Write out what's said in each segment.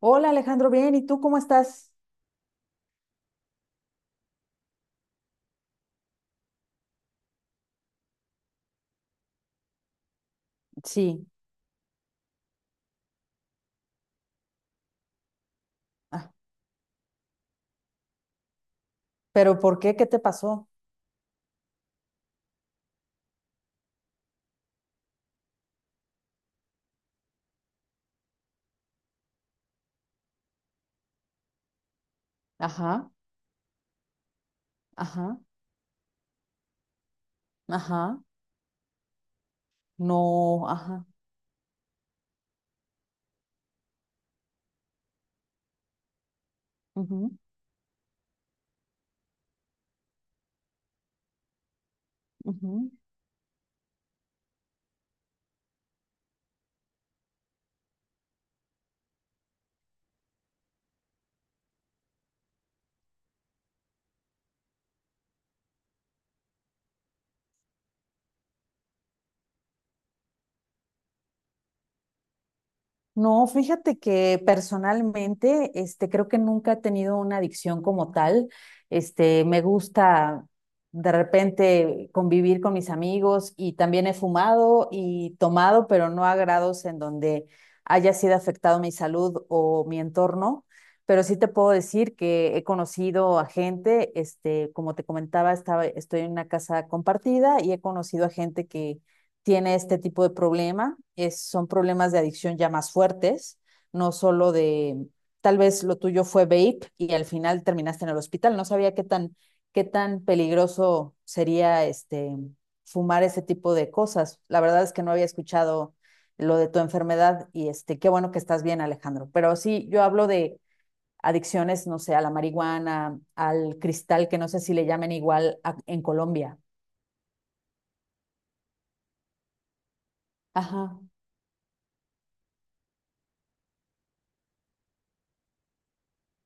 Hola Alejandro, bien, ¿y tú cómo estás? Sí. Ah, pero ¿por qué? ¿Qué te pasó? Ajá, ajá, ajá, no, ajá, ujú, ujú. No, fíjate que personalmente, este, creo que nunca he tenido una adicción como tal. Este, me gusta de repente convivir con mis amigos y también he fumado y tomado, pero no a grados en donde haya sido afectado mi salud o mi entorno. Pero sí te puedo decir que he conocido a gente, este, como te comentaba, estoy en una casa compartida y he conocido a gente que tiene este tipo de problema. Son problemas de adicción ya más fuertes, no solo tal vez lo tuyo fue vape y al final terminaste en el hospital. No sabía qué tan peligroso sería este, fumar ese tipo de cosas. La verdad es que no había escuchado lo de tu enfermedad y este, qué bueno que estás bien, Alejandro. Pero sí, yo hablo de adicciones, no sé, a la marihuana, al cristal, que no sé si le llamen igual en Colombia. Ajá,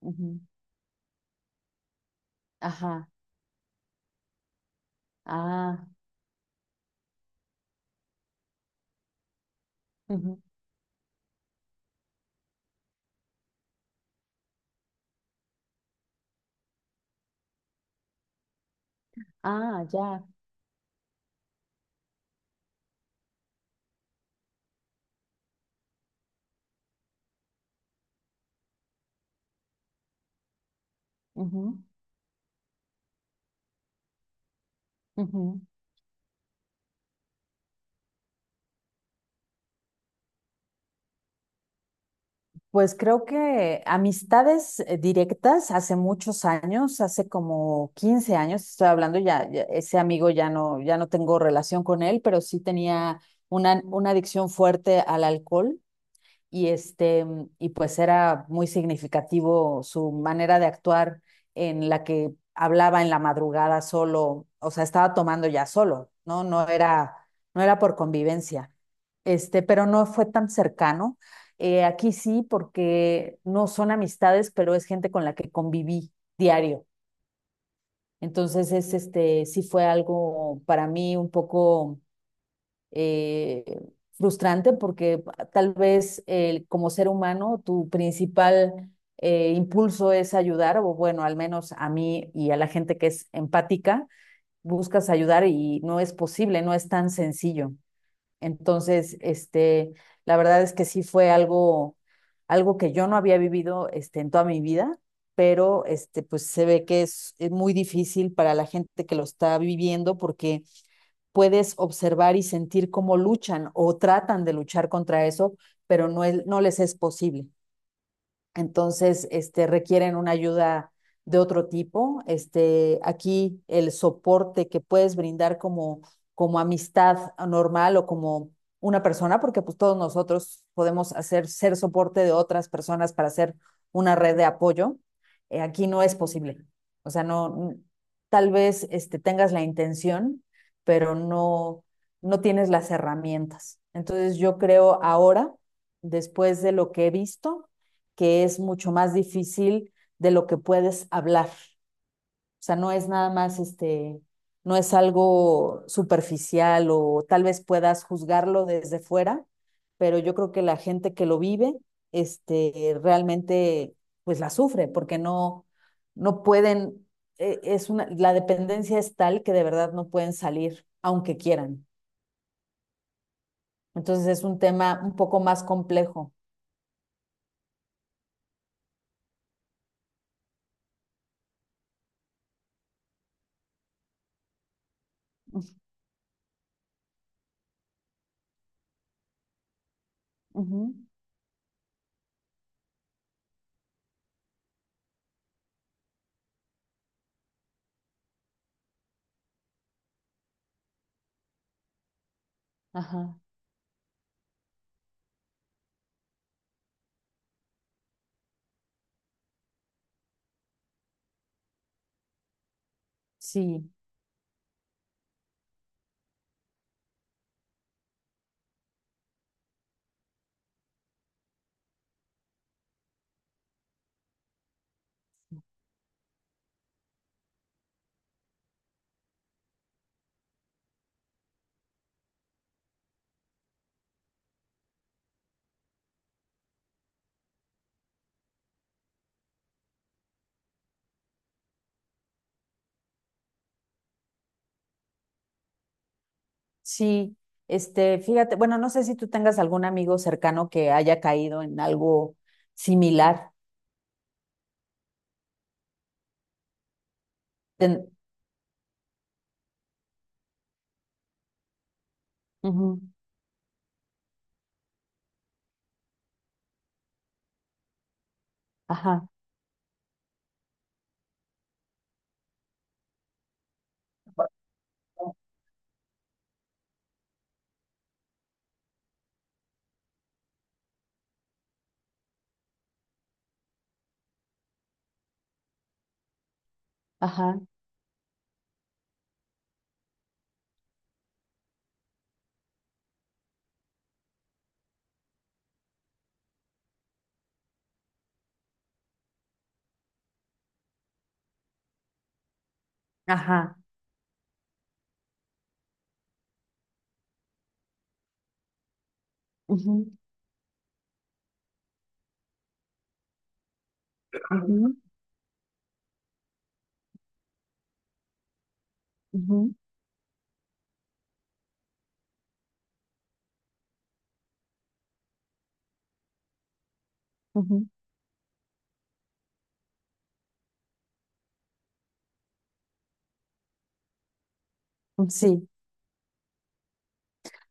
ujú, ajá, ah. Ujú. Ah, ya. Ujú, ujú. Pues creo que amistades directas hace muchos años, hace como 15 años, estoy hablando ya, ya ese amigo ya no, ya no tengo relación con él, pero sí tenía una adicción fuerte al alcohol y este, y pues era muy significativo su manera de actuar en la que hablaba en la madrugada solo, o sea, estaba tomando ya solo, ¿no? No era por convivencia. Este, pero no fue tan cercano. Aquí sí, porque no son amistades, pero es gente con la que conviví diario. Entonces es este, sí fue algo para mí un poco eh, frustrante porque tal vez como ser humano tu principal impulso es ayudar, o bueno, al menos a mí y a la gente que es empática, buscas ayudar y no es posible, no es tan sencillo. Entonces, este, la verdad es que sí fue algo, algo que yo no había vivido este, en toda mi vida, pero este, pues se ve que es muy difícil para la gente que lo está viviendo porque puedes observar y sentir cómo luchan o tratan de luchar contra eso, pero no, no les es posible, entonces este, requieren una ayuda de otro tipo. Este, aquí el soporte que puedes brindar como amistad normal o como una persona, porque pues todos nosotros podemos hacer ser soporte de otras personas para hacer una red de apoyo, aquí no es posible. O sea, no, tal vez este, tengas la intención, pero no, no tienes las herramientas. Entonces yo creo ahora, después de lo que he visto, que es mucho más difícil de lo que puedes hablar. O sea, no es nada más este, no es algo superficial o tal vez puedas juzgarlo desde fuera, pero yo creo que la gente que lo vive, este, realmente pues la sufre porque no, no pueden, es una, la dependencia es tal que de verdad no pueden salir aunque quieran. Entonces es un tema un poco más complejo. Uh -huh. Ajá, sí. Sí, este, fíjate, bueno, no sé si tú tengas algún amigo cercano que haya caído en algo similar. Ten- Ujú, ajá, ajá, ajá. Ujú, ujú, ujú, ujú, ujú, sí.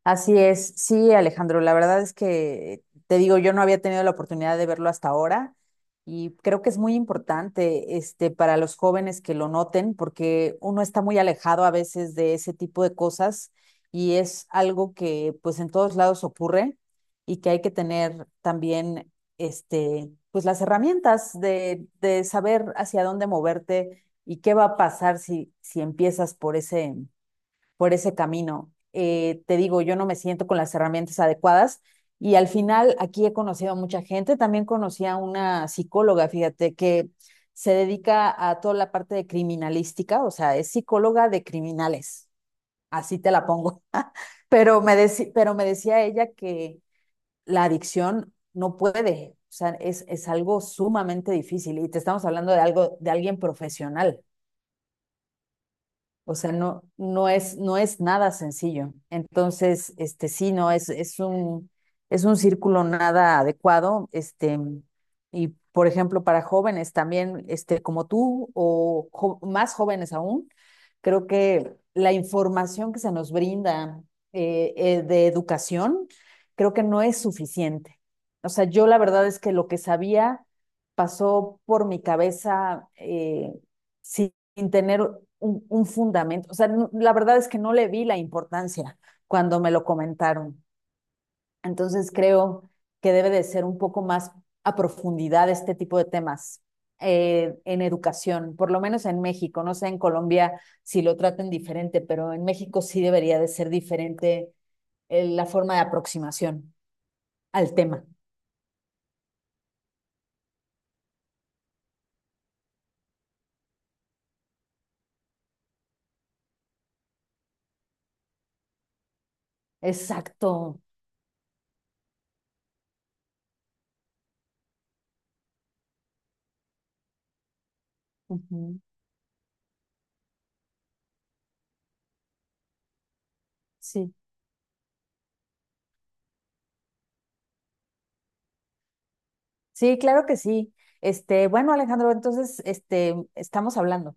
Así es, sí, Alejandro, la verdad es que te digo, yo no había tenido la oportunidad de verlo hasta ahora y creo que es muy importante este para los jóvenes que lo noten porque uno está muy alejado a veces de ese tipo de cosas y es algo que pues en todos lados ocurre y que hay que tener también este pues las herramientas de saber hacia dónde moverte y qué va a pasar si si empiezas por ese camino. Te digo, yo no me siento con las herramientas adecuadas y al final aquí he conocido a mucha gente. También conocí a una psicóloga, fíjate, que se dedica a toda la parte de criminalística, o sea, es psicóloga de criminales, así te la pongo. Pero me decía ella que la adicción no puede, o sea, es algo sumamente difícil y te estamos hablando de algo, de alguien profesional. O sea, no, no es nada sencillo. Entonces, este sí, no, es un círculo nada adecuado. Este, y por ejemplo, para jóvenes también, este, como tú, o más jóvenes aún, creo que la información que se nos brinda de educación, creo que no es suficiente. O sea, yo la verdad es que lo que sabía pasó por mi cabeza. Sin tener un fundamento. O sea, la verdad es que no le vi la importancia cuando me lo comentaron. Entonces creo que debe de ser un poco más a profundidad este tipo de temas en educación, por lo menos en México. No sé en Colombia si lo traten diferente, pero en México sí debería de ser diferente la forma de aproximación al tema. Exacto. Ujú, sí. Sí, claro que sí. Este, bueno, Alejandro, entonces, este, estamos hablando.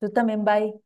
Tú también, bye.